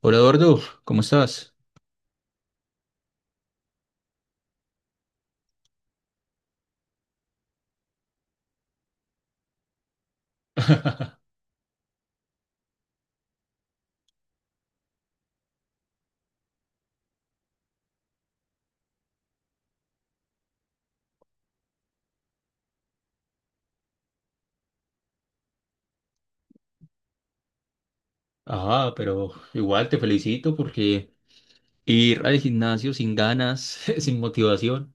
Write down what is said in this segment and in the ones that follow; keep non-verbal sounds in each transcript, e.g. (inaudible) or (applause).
Hola Eduardo, ¿cómo estás? (laughs) Ah, pero igual te felicito porque ir al gimnasio sin ganas, (laughs) sin motivación,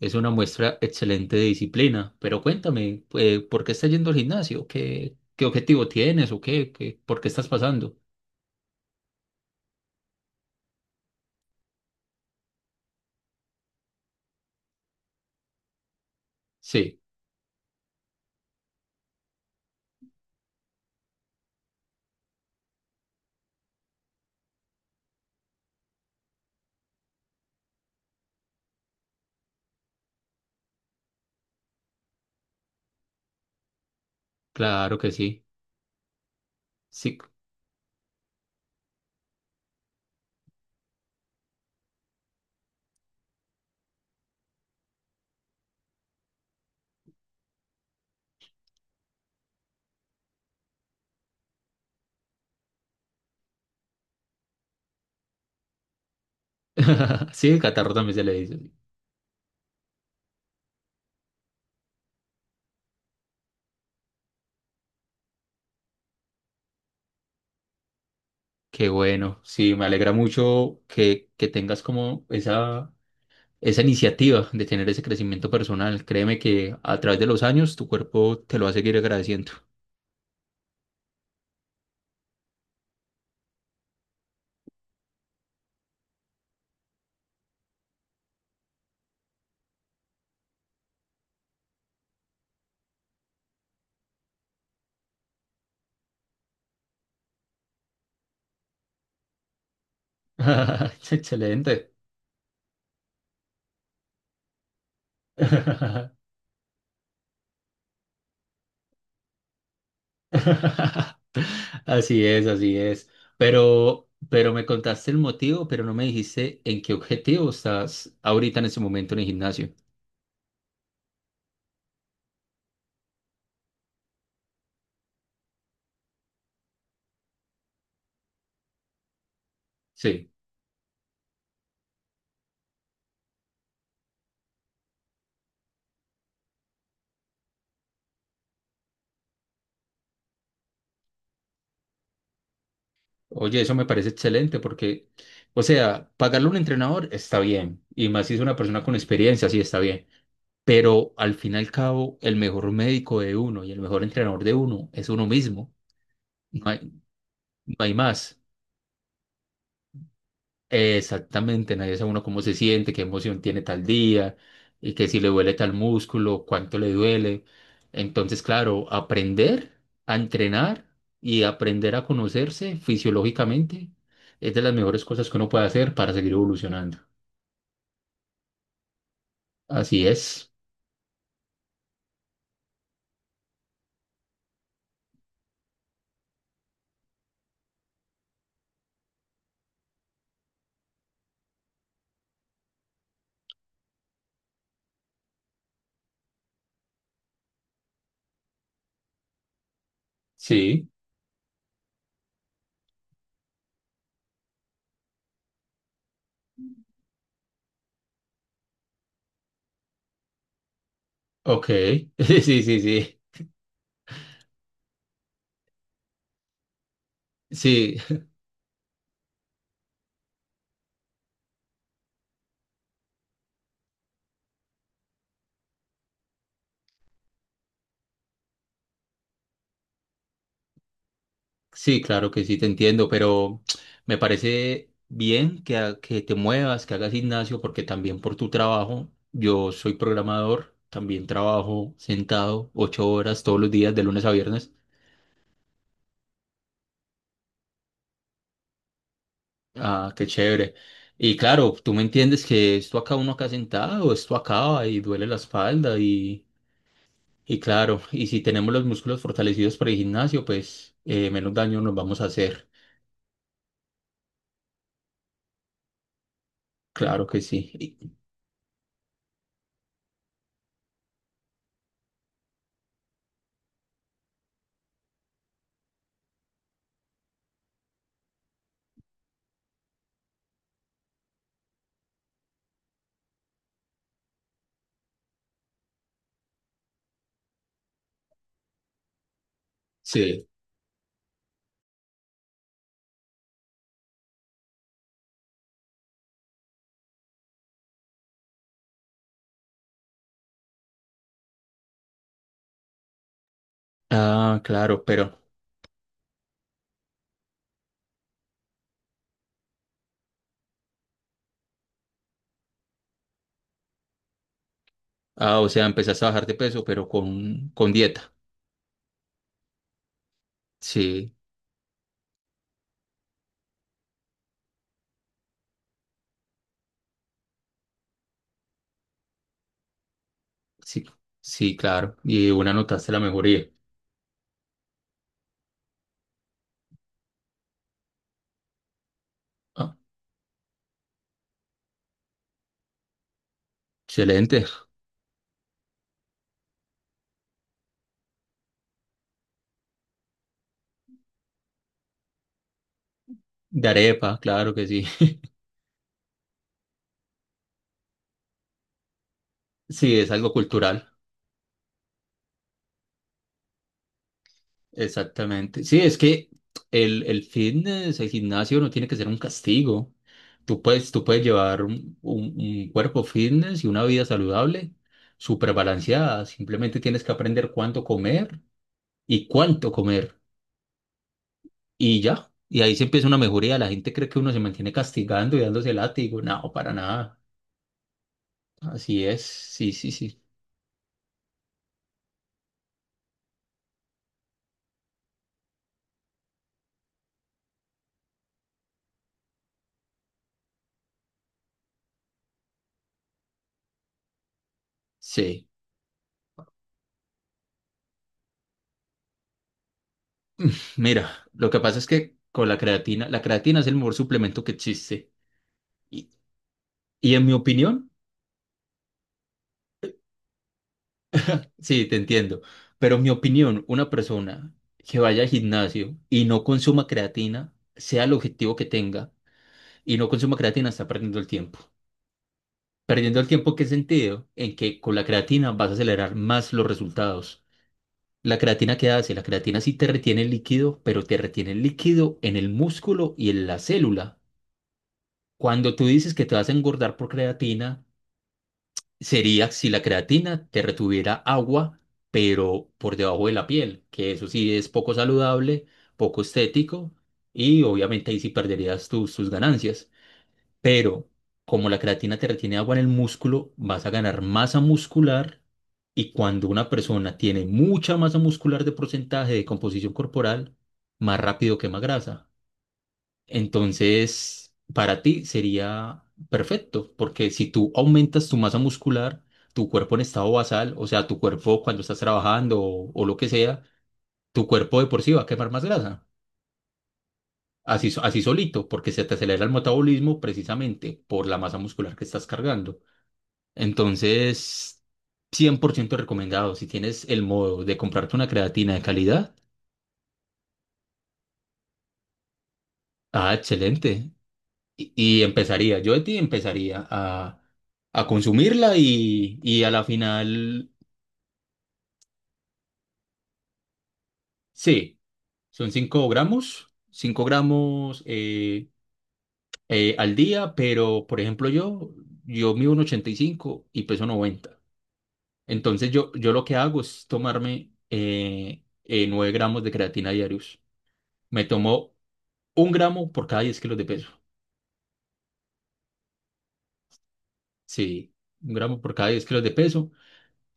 es una muestra excelente de disciplina. Pero cuéntame, ¿por qué estás yendo al gimnasio? ¿Qué objetivo tienes o qué? ¿Por qué estás pasando? Sí, claro que sí. Sí, (laughs) sí, el catarro también se le dice. Qué bueno, sí, me alegra mucho que, que tengas como esa iniciativa de tener ese crecimiento personal. Créeme que a través de los años tu cuerpo te lo va a seguir agradeciendo. (laughs) Excelente. (laughs) Así es, así es. Pero me contaste el motivo, pero no me dijiste en qué objetivo estás ahorita en ese momento en el gimnasio. Sí. Oye, eso me parece excelente porque, o sea, pagarle a un entrenador está bien, y más si es una persona con experiencia, sí está bien. Pero al fin y al cabo, el mejor médico de uno y el mejor entrenador de uno es uno mismo. No hay, no hay más. Exactamente, nadie sabe uno cómo se siente, qué emoción tiene tal día y que si le duele tal músculo, cuánto le duele. Entonces, claro, aprender a entrenar y aprender a conocerse fisiológicamente es de las mejores cosas que uno puede hacer para seguir evolucionando. Así es. Sí. Ok. (laughs) Sí, sí, sí. Sí, sí, claro que sí, te entiendo, pero (tsk) me parece bien que, que te muevas, que hagas gimnasio, porque también por tu trabajo, yo soy programador, también trabajo sentado 8 horas todos los días, de lunes a viernes. Ah, qué chévere. Y claro, tú me entiendes que esto acá uno acá sentado, esto acaba y duele la espalda y claro, y si tenemos los músculos fortalecidos para el gimnasio, pues menos daño nos vamos a hacer. Claro que sí. Y- Sí. Ah, claro, pero... Ah, o sea, empezaste a bajar de peso, pero con dieta. Sí, sí, sí, claro. Y una notaste la mejoría. Ah, excelente. De arepa, claro que sí. (laughs) Sí, es algo cultural. Exactamente. Sí, es que el fitness, el gimnasio no tiene que ser un castigo. Tú puedes llevar un, un cuerpo fitness y una vida saludable, súper balanceada. Simplemente tienes que aprender cuánto comer. Y ya, y ahí se empieza una mejoría. La gente cree que uno se mantiene castigando y dándose látigo. No, para nada. Así es. Sí, sí, sí. Sí. Mira, lo que pasa es que con la creatina es el mejor suplemento que existe. Y, y en mi opinión, sí, te entiendo. Pero en mi opinión, una persona que vaya al gimnasio y no consuma creatina, sea el objetivo que tenga, y no consuma creatina, está perdiendo el tiempo. Perdiendo el tiempo, ¿qué sentido? En que con la creatina vas a acelerar más los resultados. La creatina, ¿qué hace? La creatina sí te retiene el líquido, pero te retiene el líquido en el músculo y en la célula. Cuando tú dices que te vas a engordar por creatina, sería si la creatina te retuviera agua, pero por debajo de la piel, que eso sí es poco saludable, poco estético y obviamente ahí sí perderías tus ganancias. Pero como la creatina te retiene agua en el músculo, vas a ganar masa muscular y cuando una persona tiene mucha masa muscular de porcentaje de composición corporal, más rápido quema grasa. Entonces, para ti sería perfecto, porque si tú aumentas tu masa muscular, tu cuerpo en estado basal, o sea, tu cuerpo cuando estás trabajando o lo que sea, tu cuerpo de por sí va a quemar más grasa. Así, así solito, porque se te acelera el metabolismo precisamente por la masa muscular que estás cargando. Entonces, 100% recomendado. Si tienes el modo de comprarte una creatina de calidad, ah, excelente. Y empezaría, yo de ti empezaría a consumirla y a la final, sí, son 5 gramos, al día, pero por ejemplo yo, yo, mido un ochenta y cinco y peso noventa. Entonces yo lo que hago es tomarme 9 gramos de creatina diarios. Me tomo Un gramo por cada 10 kilos de peso. Sí, un gramo por cada 10 kilos de peso.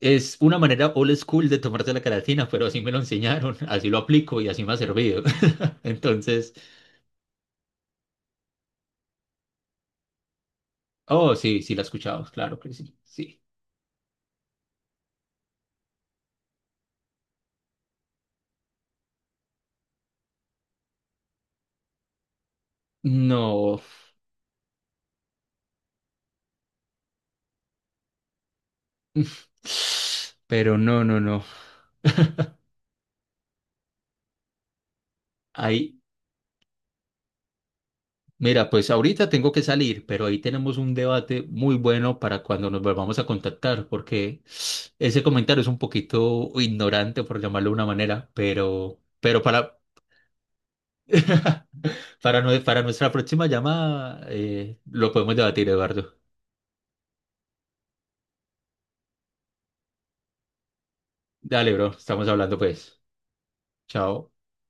Es una manera old school de tomarte la creatina, pero así me lo enseñaron, (laughs) así lo aplico y así me ha servido. (laughs) Entonces, oh, sí, sí la he escuchado, claro que sí, sí. No, (sighs) pero no, no, no. Ahí, mira, pues ahorita tengo que salir, pero ahí tenemos un debate muy bueno para cuando nos volvamos a contactar, porque (sighs) ese comentario es un poquito ignorante, por llamarlo de una manera, pero para, (laughs) Para, para nuestra próxima llamada, lo podemos debatir, Eduardo. Dale, bro, estamos hablando pues. Chao.